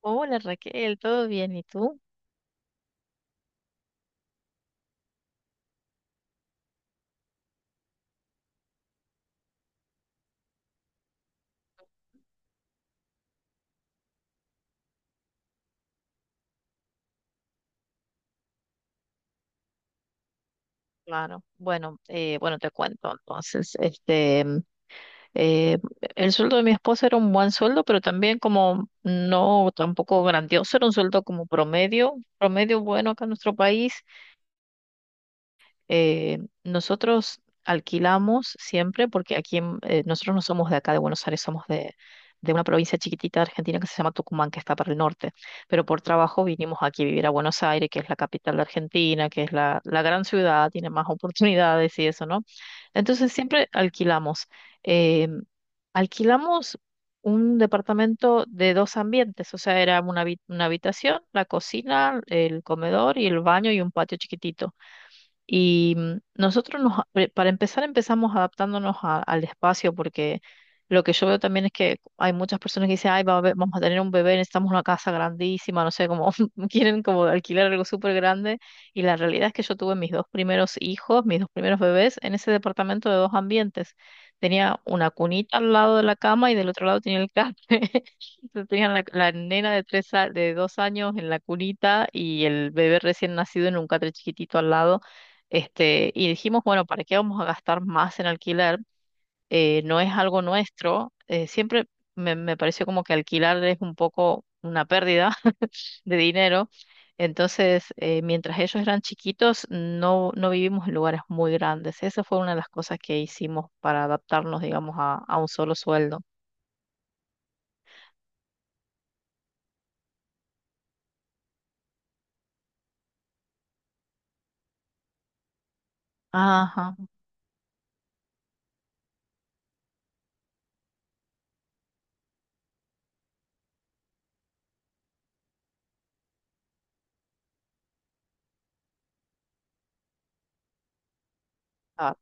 Hola Raquel, ¿todo bien? ¿Y tú? Claro. Bueno, te cuento entonces. Este, eh, el sueldo de mi esposa era un buen sueldo, pero también como no tampoco grandioso, era un sueldo como promedio, promedio bueno acá en nuestro país. Nosotros alquilamos siempre, porque aquí nosotros no somos de acá de Buenos Aires, somos de una provincia chiquitita de Argentina que se llama Tucumán, que está para el norte, pero por trabajo vinimos aquí a vivir a Buenos Aires, que es la capital de Argentina, que es la gran ciudad, tiene más oportunidades y eso, ¿no? Entonces siempre alquilamos. Eh, Alquilamos un departamento de dos ambientes, o sea, era una habitación, la cocina, el comedor y el baño y un patio chiquitito. Y nosotros, para empezar, empezamos adaptándonos al espacio, porque lo que yo veo también es que hay muchas personas que dicen, ay, vamos a tener un bebé, necesitamos una casa grandísima, no sé, como quieren como alquilar algo súper grande. Y la realidad es que yo tuve mis dos primeros hijos, mis dos primeros bebés, en ese departamento de dos ambientes. Tenía una cunita al lado de la cama y del otro lado tenía el café. Entonces tenían la, la nena de dos años en la cunita y el bebé recién nacido en un catre chiquitito al lado. Este, y dijimos, bueno, ¿para qué vamos a gastar más en alquiler? No es algo nuestro. Siempre me pareció como que alquilar es un poco una pérdida de dinero. Entonces, mientras ellos eran chiquitos, no, no vivimos en lugares muy grandes. Esa fue una de las cosas que hicimos para adaptarnos, digamos, a un solo sueldo. Ajá, ah,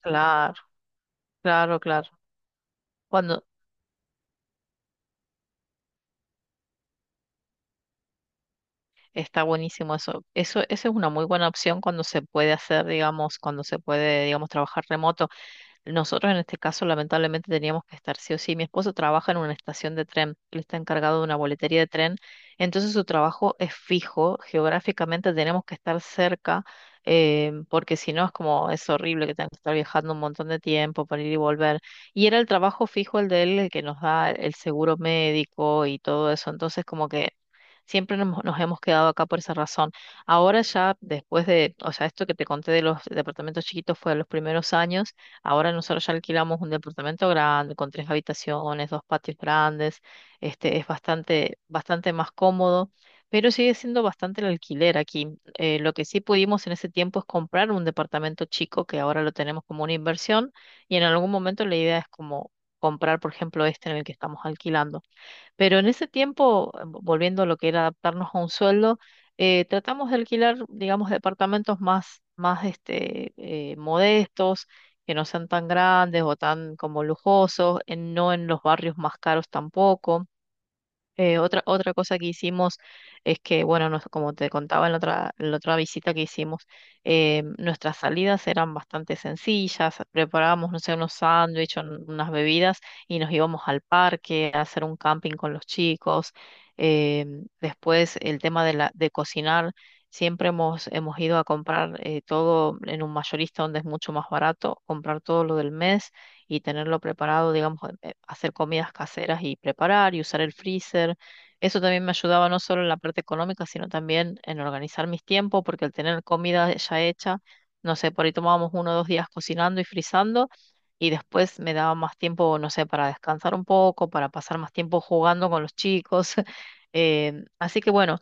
claro, claro, claro. Cuando está buenísimo eso. Eso es una muy buena opción cuando se puede hacer, digamos, cuando se puede, digamos, trabajar remoto. Nosotros en este caso lamentablemente teníamos que estar sí o sí. Mi esposo trabaja en una estación de tren, él está encargado de una boletería de tren, entonces su trabajo es fijo, geográficamente tenemos que estar cerca, porque si no es como, es horrible que tenga que estar viajando un montón de tiempo para ir y volver. Y era el trabajo fijo el de él, el que nos da el seguro médico y todo eso, entonces como que... Siempre nos hemos quedado acá por esa razón. Ahora ya, después de, o sea, esto que te conté de los departamentos chiquitos fue de los primeros años. Ahora nosotros ya alquilamos un departamento grande, con tres habitaciones, dos patios grandes, este, es bastante, bastante más cómodo, pero sigue siendo bastante el alquiler aquí. Lo que sí pudimos en ese tiempo es comprar un departamento chico, que ahora lo tenemos como una inversión, y en algún momento la idea es como comprar, por ejemplo, este en el que estamos alquilando. Pero en ese tiempo, volviendo a lo que era adaptarnos a un sueldo, tratamos de alquilar, digamos, departamentos más este, modestos, que no sean tan grandes o tan como lujosos, no en los barrios más caros tampoco. Otra cosa que hicimos es que, bueno, como te contaba en la otra visita que hicimos, nuestras salidas eran bastante sencillas, preparábamos, no sé, unos sándwiches, unas bebidas y nos íbamos al parque a hacer un camping con los chicos. Eh, Después el tema de cocinar, siempre hemos ido a comprar todo en un mayorista donde es mucho más barato, comprar todo lo del mes y tenerlo preparado, digamos, hacer comidas caseras y preparar y usar el freezer. Eso también me ayudaba no solo en la parte económica, sino también en organizar mis tiempos, porque al tener comida ya hecha, no sé, por ahí tomábamos uno o dos días cocinando y frizando y después me daba más tiempo, no sé, para descansar un poco, para pasar más tiempo jugando con los chicos. Eh, Así que bueno,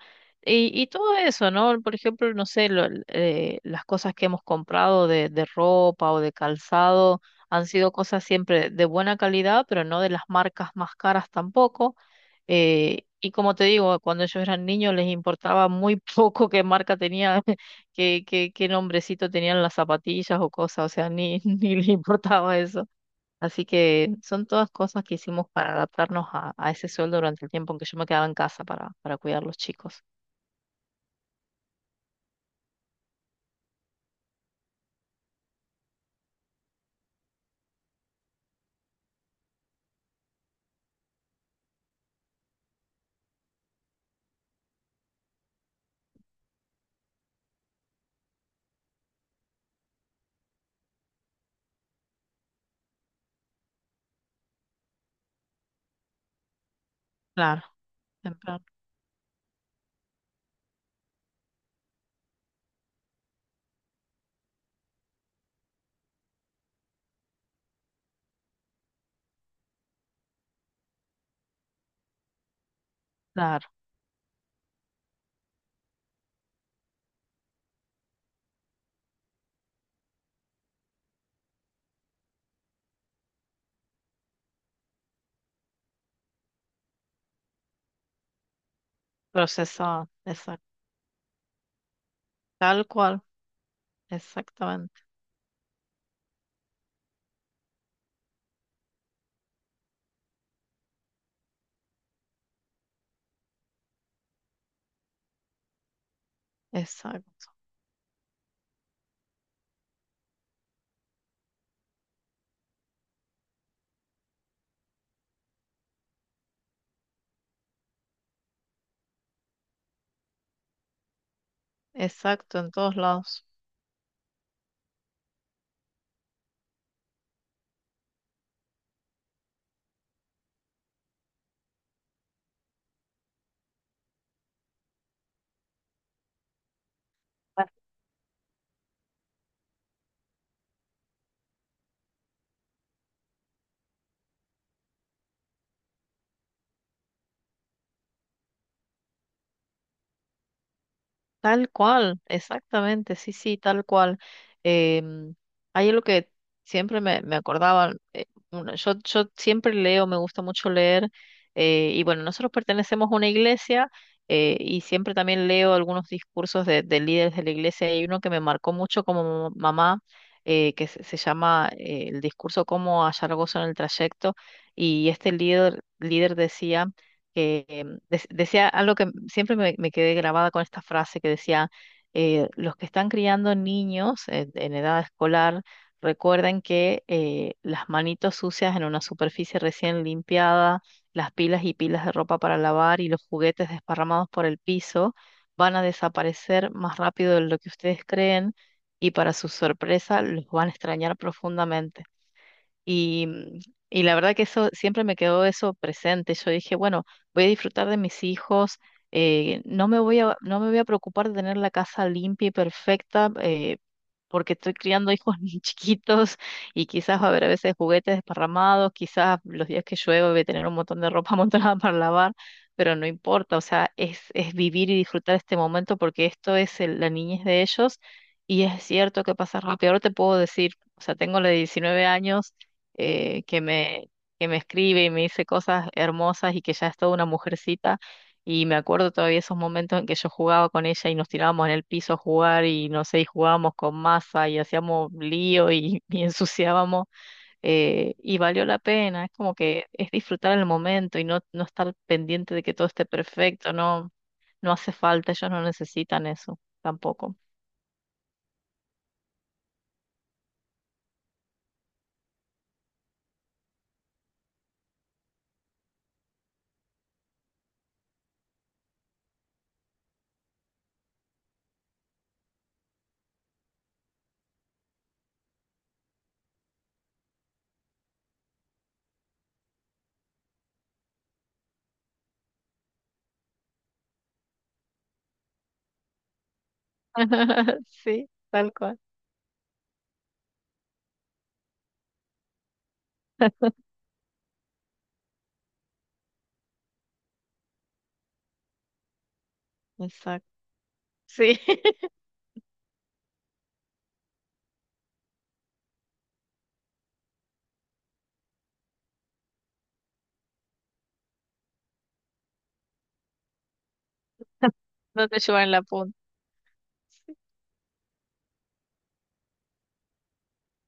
y todo eso, ¿no? Por ejemplo, no sé, las cosas que hemos comprado de ropa o de calzado han sido cosas siempre de buena calidad, pero no de las marcas más caras tampoco. Y como te digo, cuando ellos eran niños les importaba muy poco qué marca tenía, qué nombrecito tenían las zapatillas o cosas, o sea, ni, ni les importaba eso. Así que son todas cosas que hicimos para adaptarnos a ese sueldo durante el tiempo en que yo me quedaba en casa para cuidar los chicos. Claro, temprano, claro, procesado, exacto, tal cual, exactamente, exacto. Exacto, en todos lados. Tal cual, exactamente, sí, sí, tal cual. Em, Hay algo que siempre me acordaba, bueno, yo siempre leo, me gusta mucho leer, y bueno, nosotros pertenecemos a una iglesia y siempre también leo algunos discursos de líderes de la iglesia. Hay uno que me marcó mucho como mamá, que se llama el discurso Cómo hallar gozo en el trayecto, y este líder decía que decía algo que siempre me quedé grabada con esta frase que decía, los que están criando niños en edad escolar, recuerden que las manitos sucias en una superficie recién limpiada, las pilas y pilas de ropa para lavar y los juguetes desparramados por el piso van a desaparecer más rápido de lo que ustedes creen y para su sorpresa los van a extrañar profundamente. Y, y la verdad que eso siempre me quedó eso presente. Yo dije, bueno, voy a disfrutar de mis hijos, no me voy a, no me voy a preocupar de tener la casa limpia y perfecta, porque estoy criando hijos muy chiquitos y quizás va a haber a veces juguetes desparramados, quizás los días que llueve voy a tener un montón de ropa amontonada para lavar, pero no importa, o sea, es vivir y disfrutar este momento porque esto es la niñez de ellos. Y es cierto que pasa rápido. Ahora te puedo decir, o sea, tengo la de 19 años eh, que me, que me escribe y me dice cosas hermosas y que ya es toda una mujercita. Y me acuerdo todavía esos momentos en que yo jugaba con ella y nos tirábamos en el piso a jugar y no sé, y jugábamos con masa y hacíamos lío y, y ensuciábamos. Eh, y valió la pena, es como que es disfrutar el momento y no estar pendiente de que todo esté perfecto, no hace falta, ellos no necesitan eso tampoco. Sí, tal cual. Exacto. Sí, no te llevan la punta.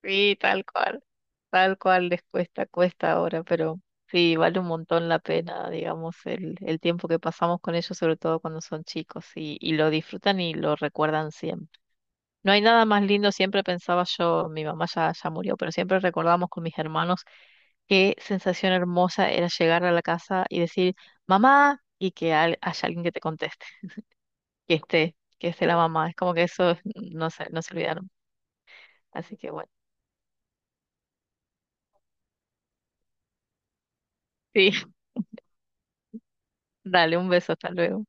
Sí, tal cual les cuesta, cuesta ahora, pero sí, vale un montón la pena, digamos, el tiempo que pasamos con ellos, sobre todo cuando son chicos, y lo disfrutan y lo recuerdan siempre. No hay nada más lindo, siempre pensaba yo, mi mamá ya murió, pero siempre recordamos con mis hermanos qué sensación hermosa era llegar a la casa y decir, mamá, y que haya alguien que te conteste, que esté la mamá. Es como que eso no se olvidaron. Así que bueno, sí, dale un beso, hasta luego.